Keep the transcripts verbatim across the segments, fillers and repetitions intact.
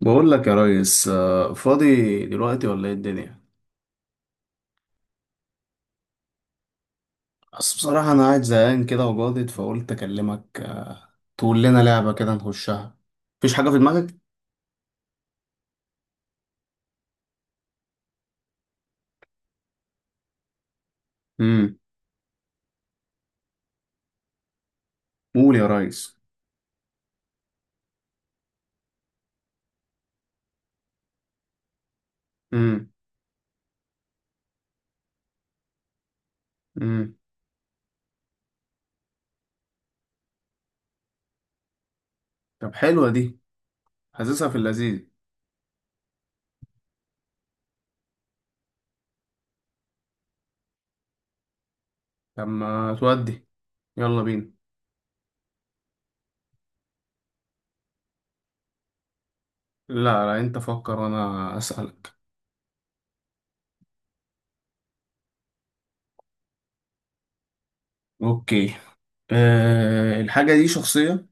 بقول لك يا ريس آه، فاضي دلوقتي ولا ايه الدنيا؟ بس بصراحة انا قاعد زهقان كده وجاضد فقلت اكلمك آه، تقول لنا لعبة كده نخشها؟ مفيش حاجة في دماغك؟ امم قول يا ريس. امم امم طب حلوة دي، حاسسها في اللذيذ. طب ما تودي، يلا بينا. لا لا انت فكر وانا اسألك. اوكي، أه الحاجة دي شخصية؟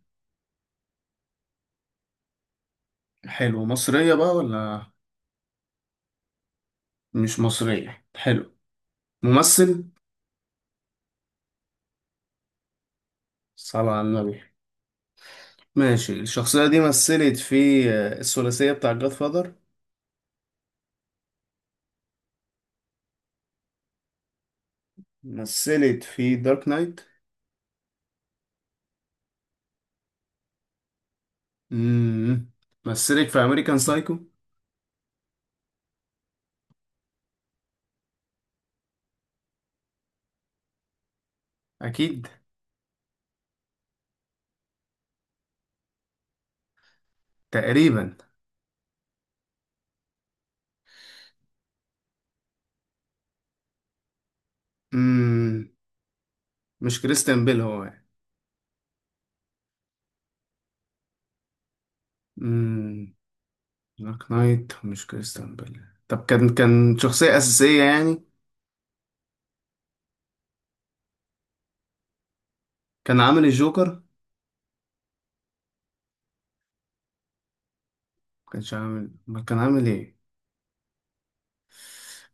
حلو، مصرية بقى ولا؟ مش مصرية، حلو. ممثل؟ صلى على النبي. ماشي، الشخصية دي مثلت في آه، الثلاثية بتاع جاد فاذر؟ مثلت في دارك نايت. مم. مثلت في أمريكان سايكو. أكيد. تقريبا. مم. مش كريستيان بيل هو يعني. مم. دارك نايت مش كريستيان بيل. طب كان كان شخصية أساسية يعني؟ كان عامل الجوكر؟ ما كانش عامل، ما كان عامل إيه؟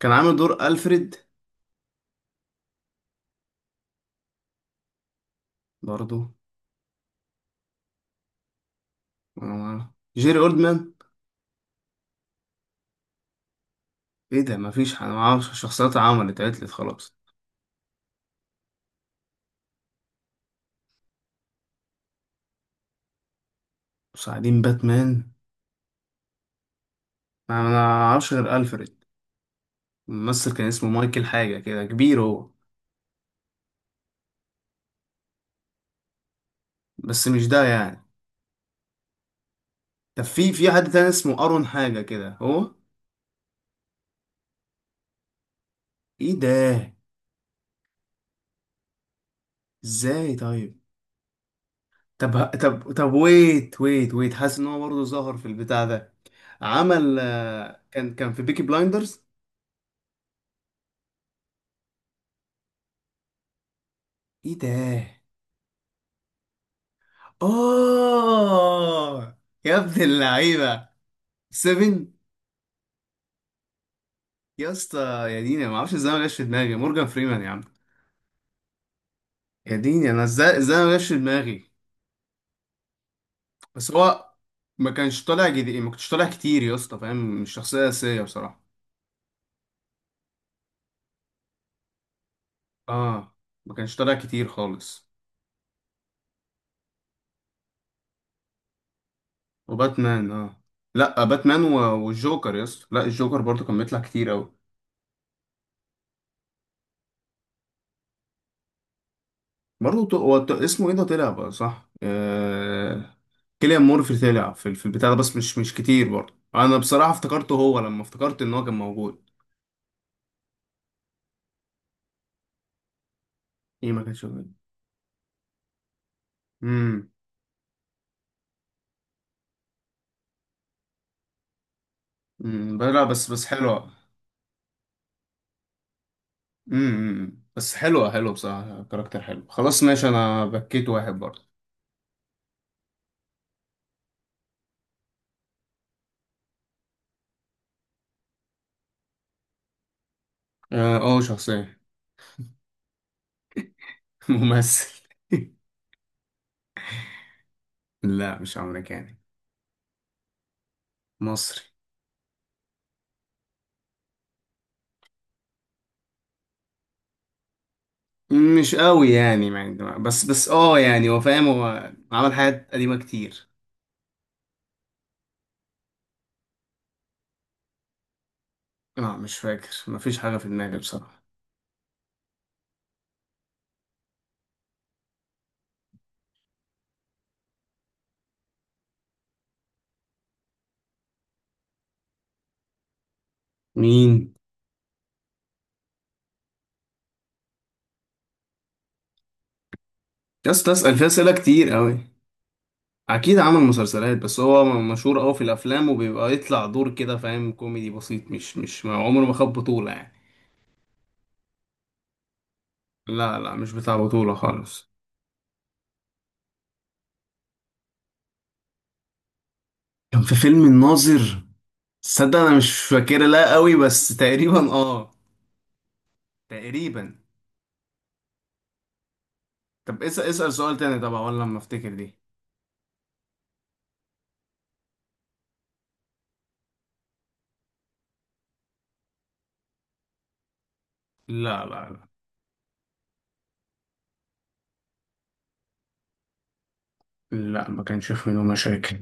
كان عامل دور ألفريد؟ برضو؟ أنا ما أعرف. جيري أولدمان؟ إيه ده؟ مفيش، أنا معرفش الشخصيات، عملت عتلت خلاص. مساعدين باتمان؟ انا ما اعرفش غير الفريد. الممثل كان اسمه مايكل حاجه كده، كبير هو. بس مش ده يعني. طب في في حد تاني اسمه ارون حاجه كده هو؟ ايه ده، ازاي؟ طيب. طب ه- طب طب ويت ويت ويت، حاسس ان هو برضه ظهر في البتاع ده. عمل، آه، كان كان في بيكي بلايندرز. ايه ده، اه، يا ابن اللعيبه. سيفن. يا اسطى، يا دينا ما اعرفش ازاي ما جاش في دماغي مورجان فريمان يا عم. يا ديني انا، ازاي ازاي ما جاش في دماغي. بس هو ما كانش طالع جديد، ما كنتش طالع كتير يا اسطى فاهم، مش شخصيه اساسيه بصراحه. اه، ما كانش طالع كتير خالص. وباتمان اه. لا باتمان و- والجوكر يا اسطى، لا الجوكر برضه كان بيطلع كتير قوي. برضه ط- هو ط- اسمه ايه ده، طلع بقى صح، آه... كيليان مورفي طلع في، ال- في البتاع ده بس مش مش كتير برضه. انا بصراحه افتكرته هو لما افتكرت ان هو كان موجود. ايه، ما كانش موجود. امم أمم، لا بس بس حلوه. امم بس حلوة حلوة بصراحة، كاركتر حلو. خلاص ماشي، انا بكيت واحد برضه. اه، آه، شخصية. ممثل. لا مش امريكاني، مصري. مش قوي يعني، مع- بس بس اه يعني هو فاهم، هو عمل حاجات قديمة كتير. لا مش فاكر، مفيش حاجة في دماغي بصراحة. مين؟ يا اسطى اسأل فيها اسئلة كتير قوي. اكيد عمل مسلسلات، بس هو م- مشهور قوي في الافلام، وبيبقى يطلع دور كده فاهم، كوميدي بسيط، مش مش ما- عمره ما خد بطولة يعني. لا لا مش بتاع بطولة خالص. كان في فيلم الناظر؟ صدق انا مش فاكرة لا قوي، بس تقريبا اه، تقريبا. طب اسأل اسأل سؤال تاني طبعا، ولا لما افتكر دي؟ لا لا لا لا ما كانش في منه مشاكل.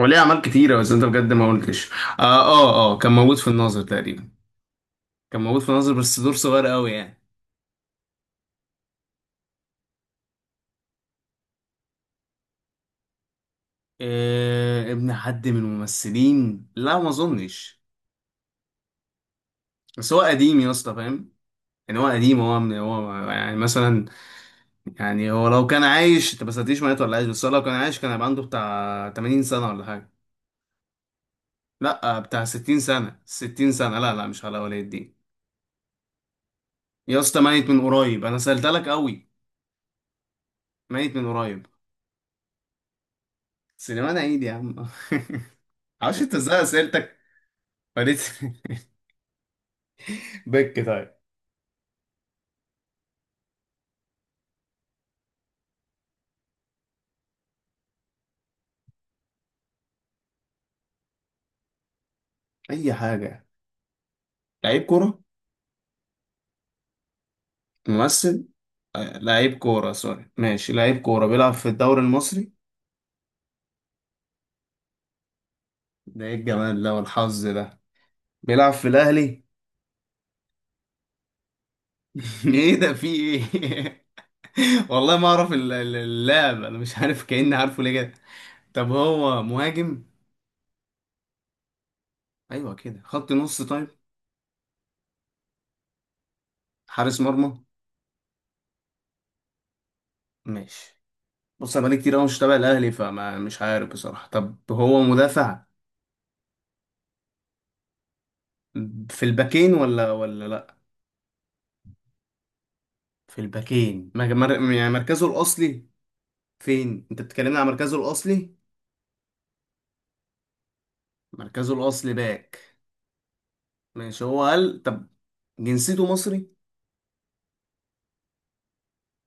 وليه اعمال كتيرة بس انت بجد ما قلتش. اه اه اه كان موجود في الناظر تقريبا. كان موجود في الناظر بس دور صغير قوي يعني. آه ابن حد من الممثلين؟ لا ما اظنش. بس هو قديم يا اسطى فاهم. يعني هو قديم، هو من هو يعني مثلا. يعني هو لو كان عايش، انت ما سألتنيش مات ولا عايش، بس هو لو كان عايش كان هيبقى عنده بتاع تمانين سنة ولا حاجة. لا بتاع ستين سنة، ستين سنة، لا لا مش على ولي الدين. يا اسطى ميت من قريب، انا سألت لك قوي. ميت من قريب. سليمان عيد يا عم. معرفش انت ازاي اسئلتك. فريت. بك طيب. اي حاجة. لعيب كورة؟ ممثل، آه، لعيب كورة، سوري. ماشي، لعيب كورة بيلعب في الدوري المصري؟ ده ايه الجمال ده والحظ ده! بيلعب في الاهلي؟ ايه ده، في ايه؟ والله ما اعرف ال- ال- اللاعب، انا مش عارف كأني عارفه ليه كده. طب هو مهاجم؟ ايوه كده، خط نص طيب؟ حارس مرمى؟ ماشي. بص انا بقالي كتير قوي مش تابع الاهلي، فما مش عارف بصراحه. طب هو مدافع، في الباكين ولا ولا لا؟ في الباكين مج- مر- يعني مركزه الاصلي فين؟ انت بتكلمني عن مركزه الاصلي؟ مركزه الاصلي باك. ماشي، هو قال طب. جنسيته مصري؟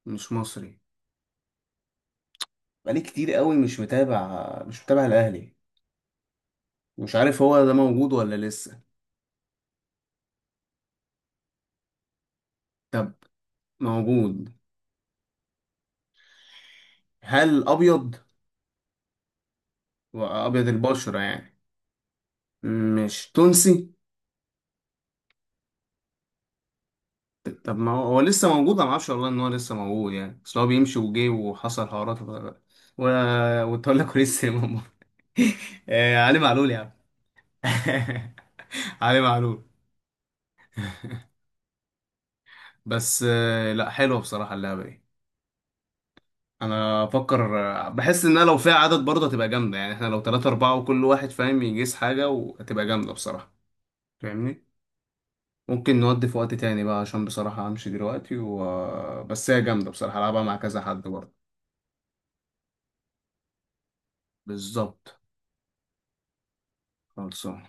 مش مصري؟ بقالي كتير قوي مش متابع مش متابع الاهلي، مش عارف هو ده موجود ولا لسه. طب، موجود. هل ابيض، وابيض البشرة يعني؟ مش تونسي؟ طب ما هو، هو لسه موجود؟ انا ما اعرفش والله ان هو لسه موجود يعني، بس هو بيمشي وجه وحصل حوارات و... و... وتولى كويس يا ماما. آه، علي معلول يا عم. علي معلول. بس آه، لا حلوه بصراحه اللعبه دي، انا افكر. بحس ان أنا لو فيها عدد برضه هتبقى جامده يعني، احنا لو ثلاثة أربعة وكل واحد فاهم يجيس حاجه وهتبقى جامده بصراحه، فاهمني. ممكن نودي في وقت تاني بقى عشان بصراحه همشي دلوقتي و... بس هي جامده بصراحه العبها مع كذا حد برضه. بالظبط. خلصان.